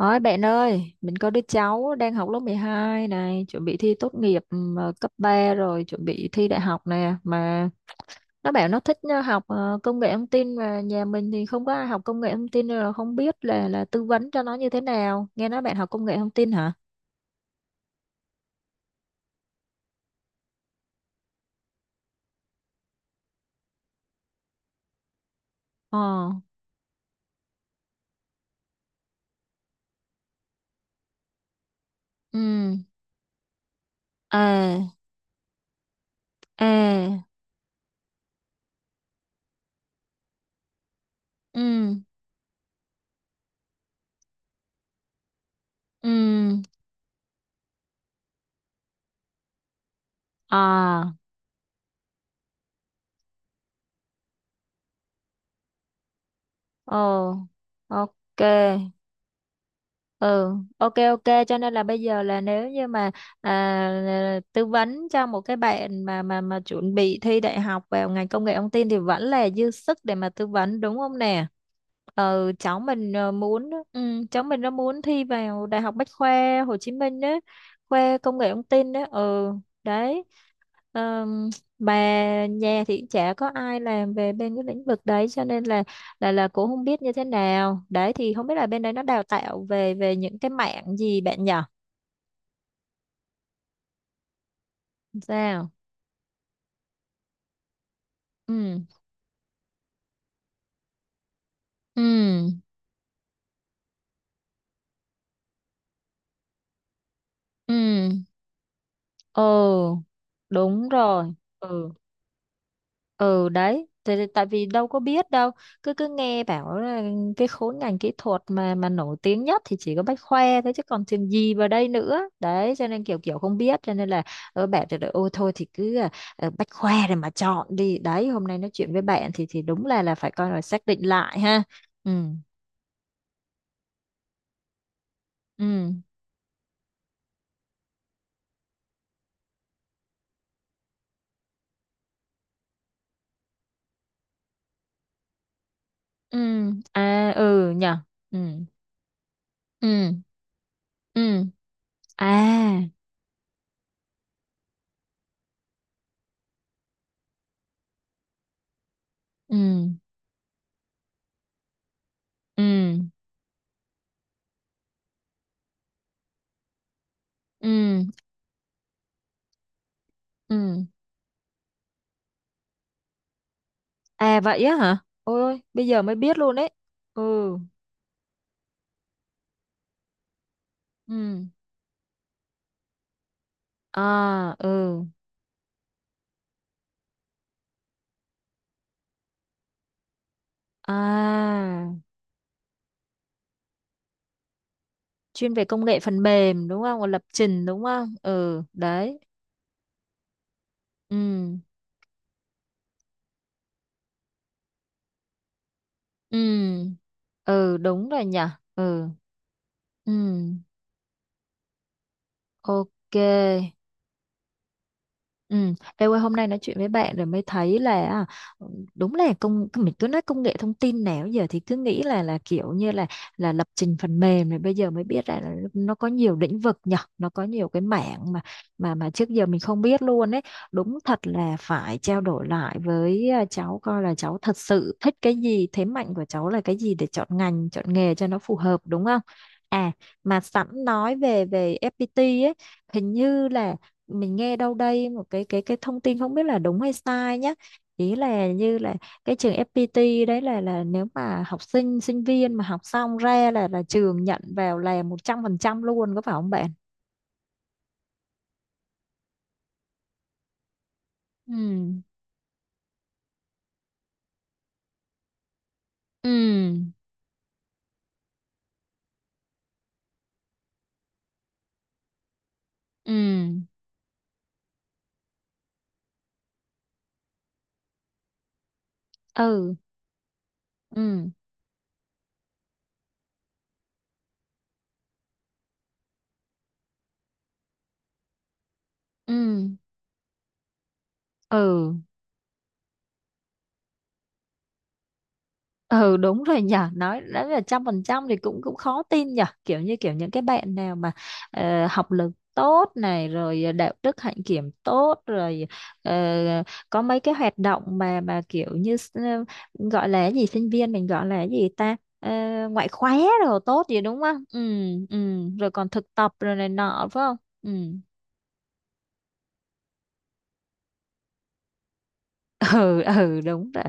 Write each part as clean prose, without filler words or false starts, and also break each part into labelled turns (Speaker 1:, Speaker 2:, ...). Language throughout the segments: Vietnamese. Speaker 1: Ôi bạn ơi, mình có đứa cháu đang học lớp 12 này, chuẩn bị thi tốt nghiệp cấp 3 rồi, chuẩn bị thi đại học nè, mà nó bảo nó thích học công nghệ thông tin, mà nhà mình thì không có ai học công nghệ thông tin nên là không biết là tư vấn cho nó như thế nào. Nghe nói bạn học công nghệ thông tin hả? Ờ. Ừ. À. À. Ừ. Ừ. À. Ồ. Ok. Ừ, ok, ok, cho nên là bây giờ là nếu như mà tư vấn cho một cái bạn mà chuẩn bị thi đại học vào ngành công nghệ thông tin thì vẫn là dư sức để mà tư vấn đúng không nè. Ừ, cháu mình nó muốn thi vào đại học Bách khoa Hồ Chí Minh á, khoa công nghệ thông tin đó. Ừ, đấy. Ờm, bà nhà thì chả có ai làm về bên cái lĩnh vực đấy cho nên là cũng không biết như thế nào đấy, thì không biết là bên đấy nó đào tạo về về những cái mảng gì bạn nhỉ. Sao? Ừ. Ừ. Ừ. Ồ. Đúng rồi. Ừ. Ừ, đấy. Tại, tại tại vì đâu có biết đâu, cứ cứ nghe bảo là cái khối ngành kỹ thuật mà nổi tiếng nhất thì chỉ có Bách Khoa thôi chứ còn trường gì vào đây nữa, đấy cho nên kiểu kiểu không biết cho nên là ở bạn thì ôi thôi thì cứ Bách Khoa rồi mà chọn đi. Đấy, hôm nay nói chuyện với bạn thì đúng là phải coi là xác định lại ha. Ừ. Ừ. Ừ. À. Ừ nhở. Ừ. Ừ. Ừ. À. Ừ. Ừ. Ừ. Ừ. À, vậy á hả? Ôi ôi, bây giờ mới biết luôn đấy. Ừ. Ừ. À, ừ. À, chuyên về công nghệ phần mềm đúng không? Và lập trình đúng không? Ừ, đấy. Ừ. Ừ. Ừ, đúng rồi nhỉ. Ừ. Ừ. Ok. Ừ, em ơi, hôm nay nói chuyện với bạn rồi mới thấy là đúng là công mình cứ nói công nghệ thông tin nào giờ thì cứ nghĩ là kiểu như là lập trình phần mềm, rồi bây giờ mới biết ra là nó có nhiều lĩnh vực nhở, nó có nhiều cái mảng mà trước giờ mình không biết luôn ấy. Đúng thật là phải trao đổi lại với cháu coi là cháu thật sự thích cái gì, thế mạnh của cháu là cái gì để chọn ngành chọn nghề cho nó phù hợp đúng không. À, mà sẵn nói về về FPT ấy, hình như là mình nghe đâu đây một cái thông tin không biết là đúng hay sai nhé, ý là như là cái trường FPT đấy là nếu mà học sinh sinh viên mà học xong ra là trường nhận vào là 100% luôn, có phải không bạn? Ừ. Ừ. Ừ. Ừ. Ừ. Ừ. Ừ. Ừ đúng rồi nhở, nói đó là 100% thì cũng cũng khó tin nhở, kiểu như kiểu những cái bạn nào mà học lực tốt này rồi đạo đức hạnh kiểm tốt rồi ờ, có mấy cái hoạt động mà kiểu như gọi là cái gì, sinh viên mình gọi là cái gì ta. Ờ, Ngoại khóa rồi tốt gì đúng không. Ừ. Ừ, rồi còn thực tập rồi này nọ phải không. Ừ. Ừ. Ừ, đúng rồi.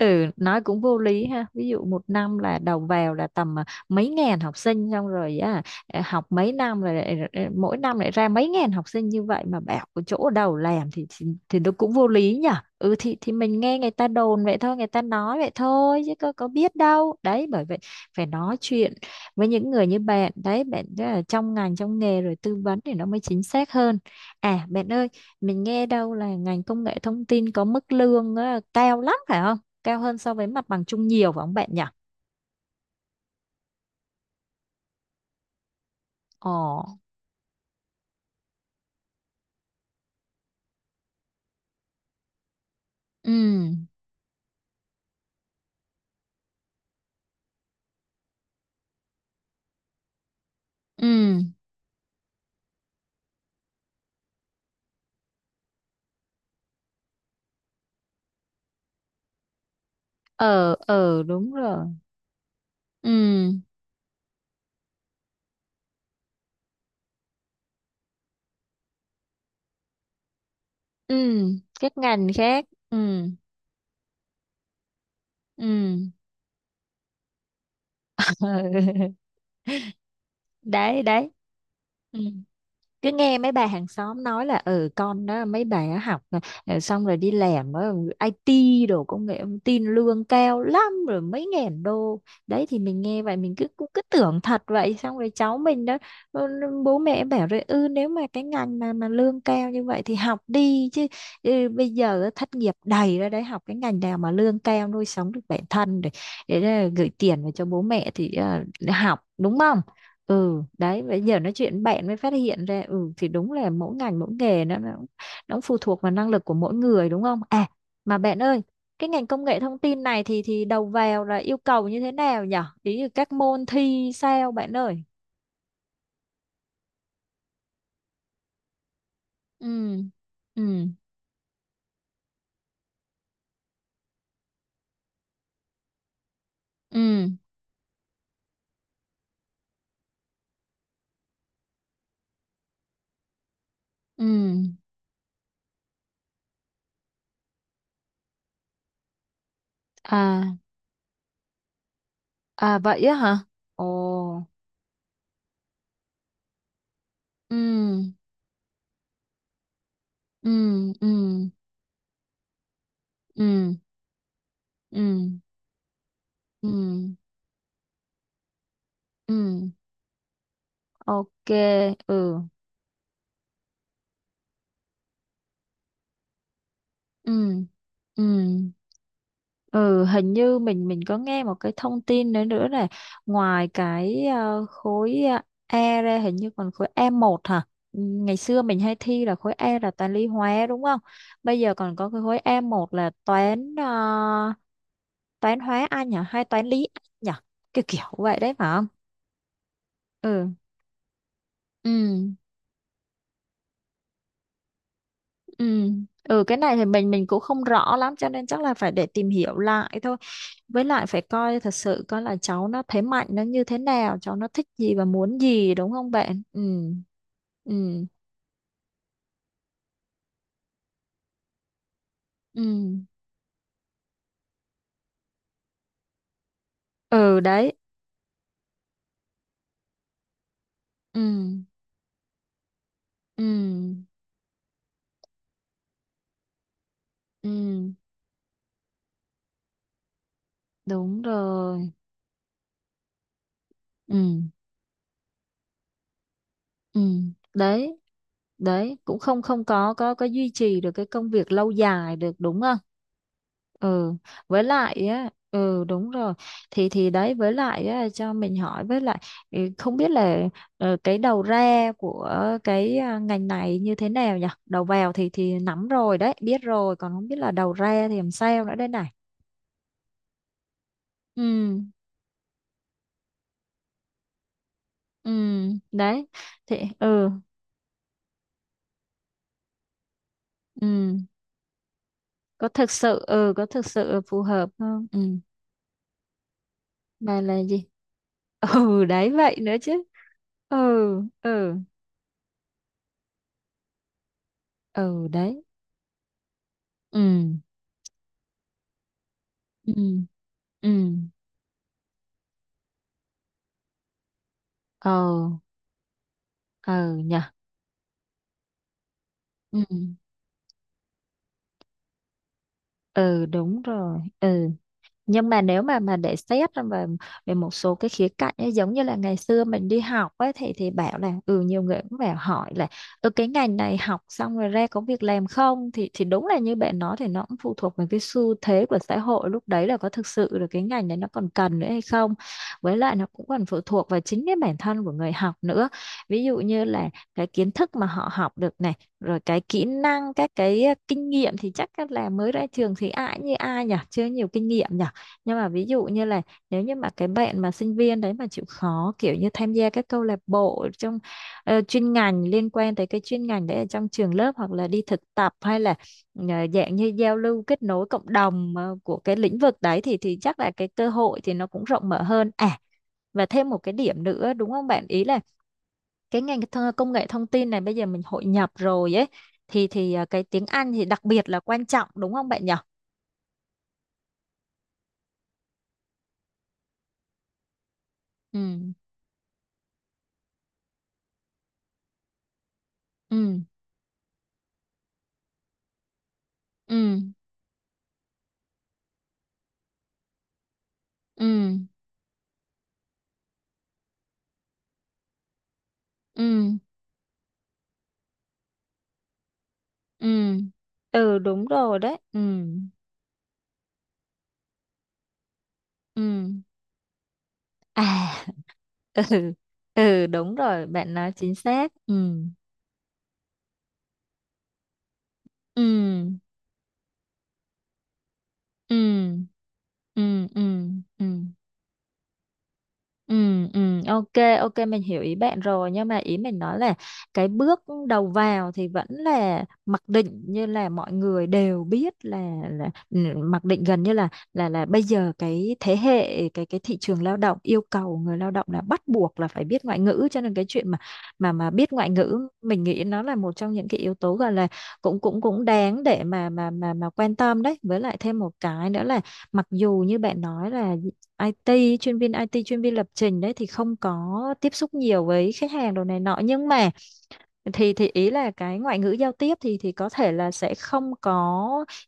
Speaker 1: Ừ, nói cũng vô lý ha, ví dụ một năm là đầu vào là tầm mấy ngàn học sinh, xong rồi á, học mấy năm rồi mỗi năm lại ra mấy ngàn học sinh như vậy mà bảo có chỗ đầu làm thì thì nó cũng vô lý nhở. Ừ, thì mình nghe người ta đồn vậy thôi, người ta nói vậy thôi chứ có biết đâu đấy, bởi vậy phải nói chuyện với những người như bạn. Đấy, bạn rất là trong ngành trong nghề rồi tư vấn thì nó mới chính xác hơn. À, bạn ơi, mình nghe đâu là ngành công nghệ thông tin có mức lương á, cao lắm phải không? Cao hơn so với mặt bằng chung nhiều phải không bạn nhỉ? Ồ. Ừ. Ừ. Ờ, đúng rồi. Ừ. Ừ, các ngành khác. Ừ. Ừ. Đấy, đấy. Ừ, cứ nghe mấy bà hàng xóm nói là ừ con đó mấy bà á học xong rồi đi làm ở IT đồ, công nghệ thông tin lương cao lắm, rồi mấy ngàn đô. Đấy thì mình nghe vậy mình cứ cũng cứ tưởng thật vậy, xong rồi cháu mình đó, ừ, bố mẹ bảo rồi, ừ nếu mà cái ngành mà lương cao như vậy thì học đi chứ. Ừ, bây giờ thất nghiệp đầy ra đấy, học cái ngành nào mà lương cao nuôi sống được bản thân để, gửi tiền về cho bố mẹ thì học đúng không. Ừ, đấy bây giờ nói chuyện bạn mới phát hiện ra, ừ thì đúng là mỗi ngành mỗi nghề nó, nó cũng phụ thuộc vào năng lực của mỗi người đúng không. À, mà bạn ơi, cái ngành công nghệ thông tin này thì đầu vào là yêu cầu như thế nào nhở, ý là các môn thi sao bạn ơi? Ừ. Ừ. Ừ. Ừ. À. À, vậy á hả? Ồ. Ừ. Ừ. Ừ. Ừ. Ừ. Ừ. Ừ. Ok. Ừ. Ừ. Ừ. Ừ, hình như mình có nghe một cái thông tin nữa nữa là ngoài cái khối E ra, hình như còn khối E1 hả? Ừ, ngày xưa mình hay thi là khối E là toán lý hóa đúng không? Bây giờ còn có cái khối E1 là toán toán hóa Anh nhỉ, hay toán lý Anh nhỉ? Kiểu kiểu vậy đấy phải không? Ừ. Ừ. Ừ. Ừ, cái này thì mình cũng không rõ lắm cho nên chắc là phải để tìm hiểu lại thôi, với lại phải coi thật sự coi là cháu nó thế mạnh nó như thế nào, cháu nó thích gì và muốn gì đúng không bạn. Ừ. Ừ. Ừ. Ừ, đấy. Ừ. Ừ. Ừ đúng rồi. Ừ. Ừ, đấy, đấy cũng không, không có duy trì được cái công việc lâu dài được đúng không. Ừ, với lại á ừ đúng rồi, thì đấy với lại á, cho mình hỏi với lại, ừ, không biết là cái đầu ra của cái ngành này như thế nào nhỉ, đầu vào thì nắm rồi đấy biết rồi, còn không biết là đầu ra thì làm sao nữa đây này. Ừ. Ừ, đấy thì ừ. Ừ, có thực sự, ừ có thực sự phù hợp không. Ừ, mà là gì. Ừ đấy vậy nữa chứ. Ừ. Ừ. Ừ, đấy. Ừ. Ừ. Ừ. Ừ. Ừ nhỉ. Ừ. Ừ, đúng rồi. Ừ, nhưng mà nếu mà để xét về về một số cái khía cạnh ấy, giống như là ngày xưa mình đi học ấy thì bảo là ừ nhiều người cũng bảo hỏi là ừ cái ngành này học xong rồi ra có việc làm không, thì đúng là như bạn nói thì nó cũng phụ thuộc vào cái xu thế của xã hội lúc đấy, là có thực sự là cái ngành đấy nó còn cần nữa hay không, với lại nó cũng còn phụ thuộc vào chính cái bản thân của người học nữa. Ví dụ như là cái kiến thức mà họ học được này, rồi cái kỹ năng, các cái kinh nghiệm, thì chắc là mới ra trường thì ai như ai nhỉ, chưa nhiều kinh nghiệm nhỉ. Nhưng mà ví dụ như là nếu như mà cái bạn mà sinh viên đấy mà chịu khó kiểu như tham gia các câu lạc bộ trong chuyên ngành liên quan tới cái chuyên ngành đấy ở trong trường lớp, hoặc là đi thực tập, hay là ờ, dạng như giao lưu kết nối cộng đồng của cái lĩnh vực đấy, thì chắc là cái cơ hội thì nó cũng rộng mở hơn. À, và thêm một cái điểm nữa đúng không bạn, ý là cái ngành công nghệ thông tin này bây giờ mình hội nhập rồi ấy, thì cái tiếng Anh thì đặc biệt là quan trọng đúng không bạn nhỉ? Ừ. Ừ. Ừ. Ừ. Ừ. Ừ. Ừ, đúng rồi đấy. Ừ. Ừ. À. Ừ. Ừ, đúng rồi bạn nói chính xác. Ừ. Ừ. Ừ. Ừ. Ừ. Ừ. Ừ, ừ, ok, ok mình hiểu ý bạn rồi, nhưng mà ý mình nói là cái bước đầu vào thì vẫn là mặc định như là mọi người đều biết là ừ, mặc định gần như là bây giờ cái thế hệ cái thị trường lao động yêu cầu người lao động là bắt buộc là phải biết ngoại ngữ, cho nên cái chuyện mà biết ngoại ngữ mình nghĩ nó là một trong những cái yếu tố gọi là cũng cũng cũng đáng để mà quan tâm đấy. Với lại thêm một cái nữa là, mặc dù như bạn nói là IT, chuyên viên IT, chuyên viên lập trình đấy thì không có tiếp xúc nhiều với khách hàng đồ này nọ, nhưng mà thì ý là cái ngoại ngữ giao tiếp thì có thể là sẽ không có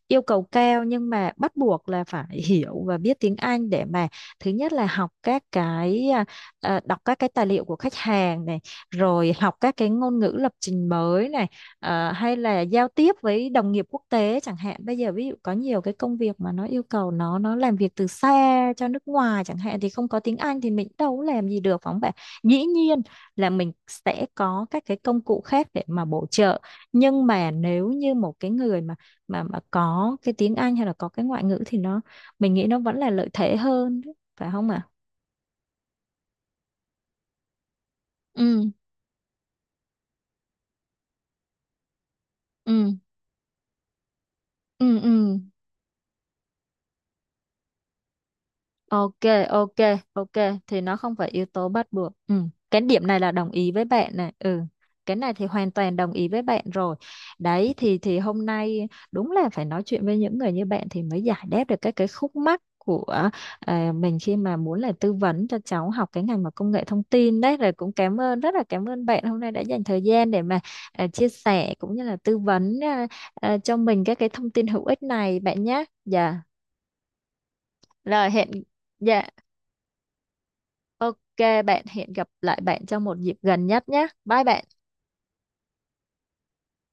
Speaker 1: yêu cầu cao, nhưng mà bắt buộc là phải hiểu và biết tiếng Anh để mà, thứ nhất là học các cái đọc các cái tài liệu của khách hàng này, rồi học các cái ngôn ngữ lập trình mới này, à, hay là giao tiếp với đồng nghiệp quốc tế chẳng hạn, bây giờ ví dụ có nhiều cái công việc mà nó yêu cầu nó, làm việc từ xa cho nước ngoài chẳng hạn, thì không có tiếng Anh thì mình đâu có làm gì được phải không bạn. Dĩ nhiên là mình sẽ có các cái công cụ khác để mà bổ trợ, nhưng mà nếu như một cái người mà có cái tiếng Anh hay là có cái ngoại ngữ thì nó, mình nghĩ nó vẫn là lợi thế hơn phải không ạ. Ừ. Ừ. Ừ. Ừ. Ok, ok, ok thì nó không phải yếu tố bắt buộc. Ừ, cái điểm này là đồng ý với bạn này. Ừ. Cái này thì hoàn toàn đồng ý với bạn rồi. Đấy thì hôm nay đúng là phải nói chuyện với những người như bạn thì mới giải đáp được các cái khúc mắc của mình khi mà muốn là tư vấn cho cháu học cái ngành mà công nghệ thông tin đấy, rồi cũng cảm ơn, rất là cảm ơn bạn hôm nay đã dành thời gian để mà chia sẻ cũng như là tư vấn cho mình các cái thông tin hữu ích này bạn nhé. Dạ. Rồi hẹn, dạ, ok, bạn hẹn gặp lại bạn trong một dịp gần nhất nhé. Bye bạn.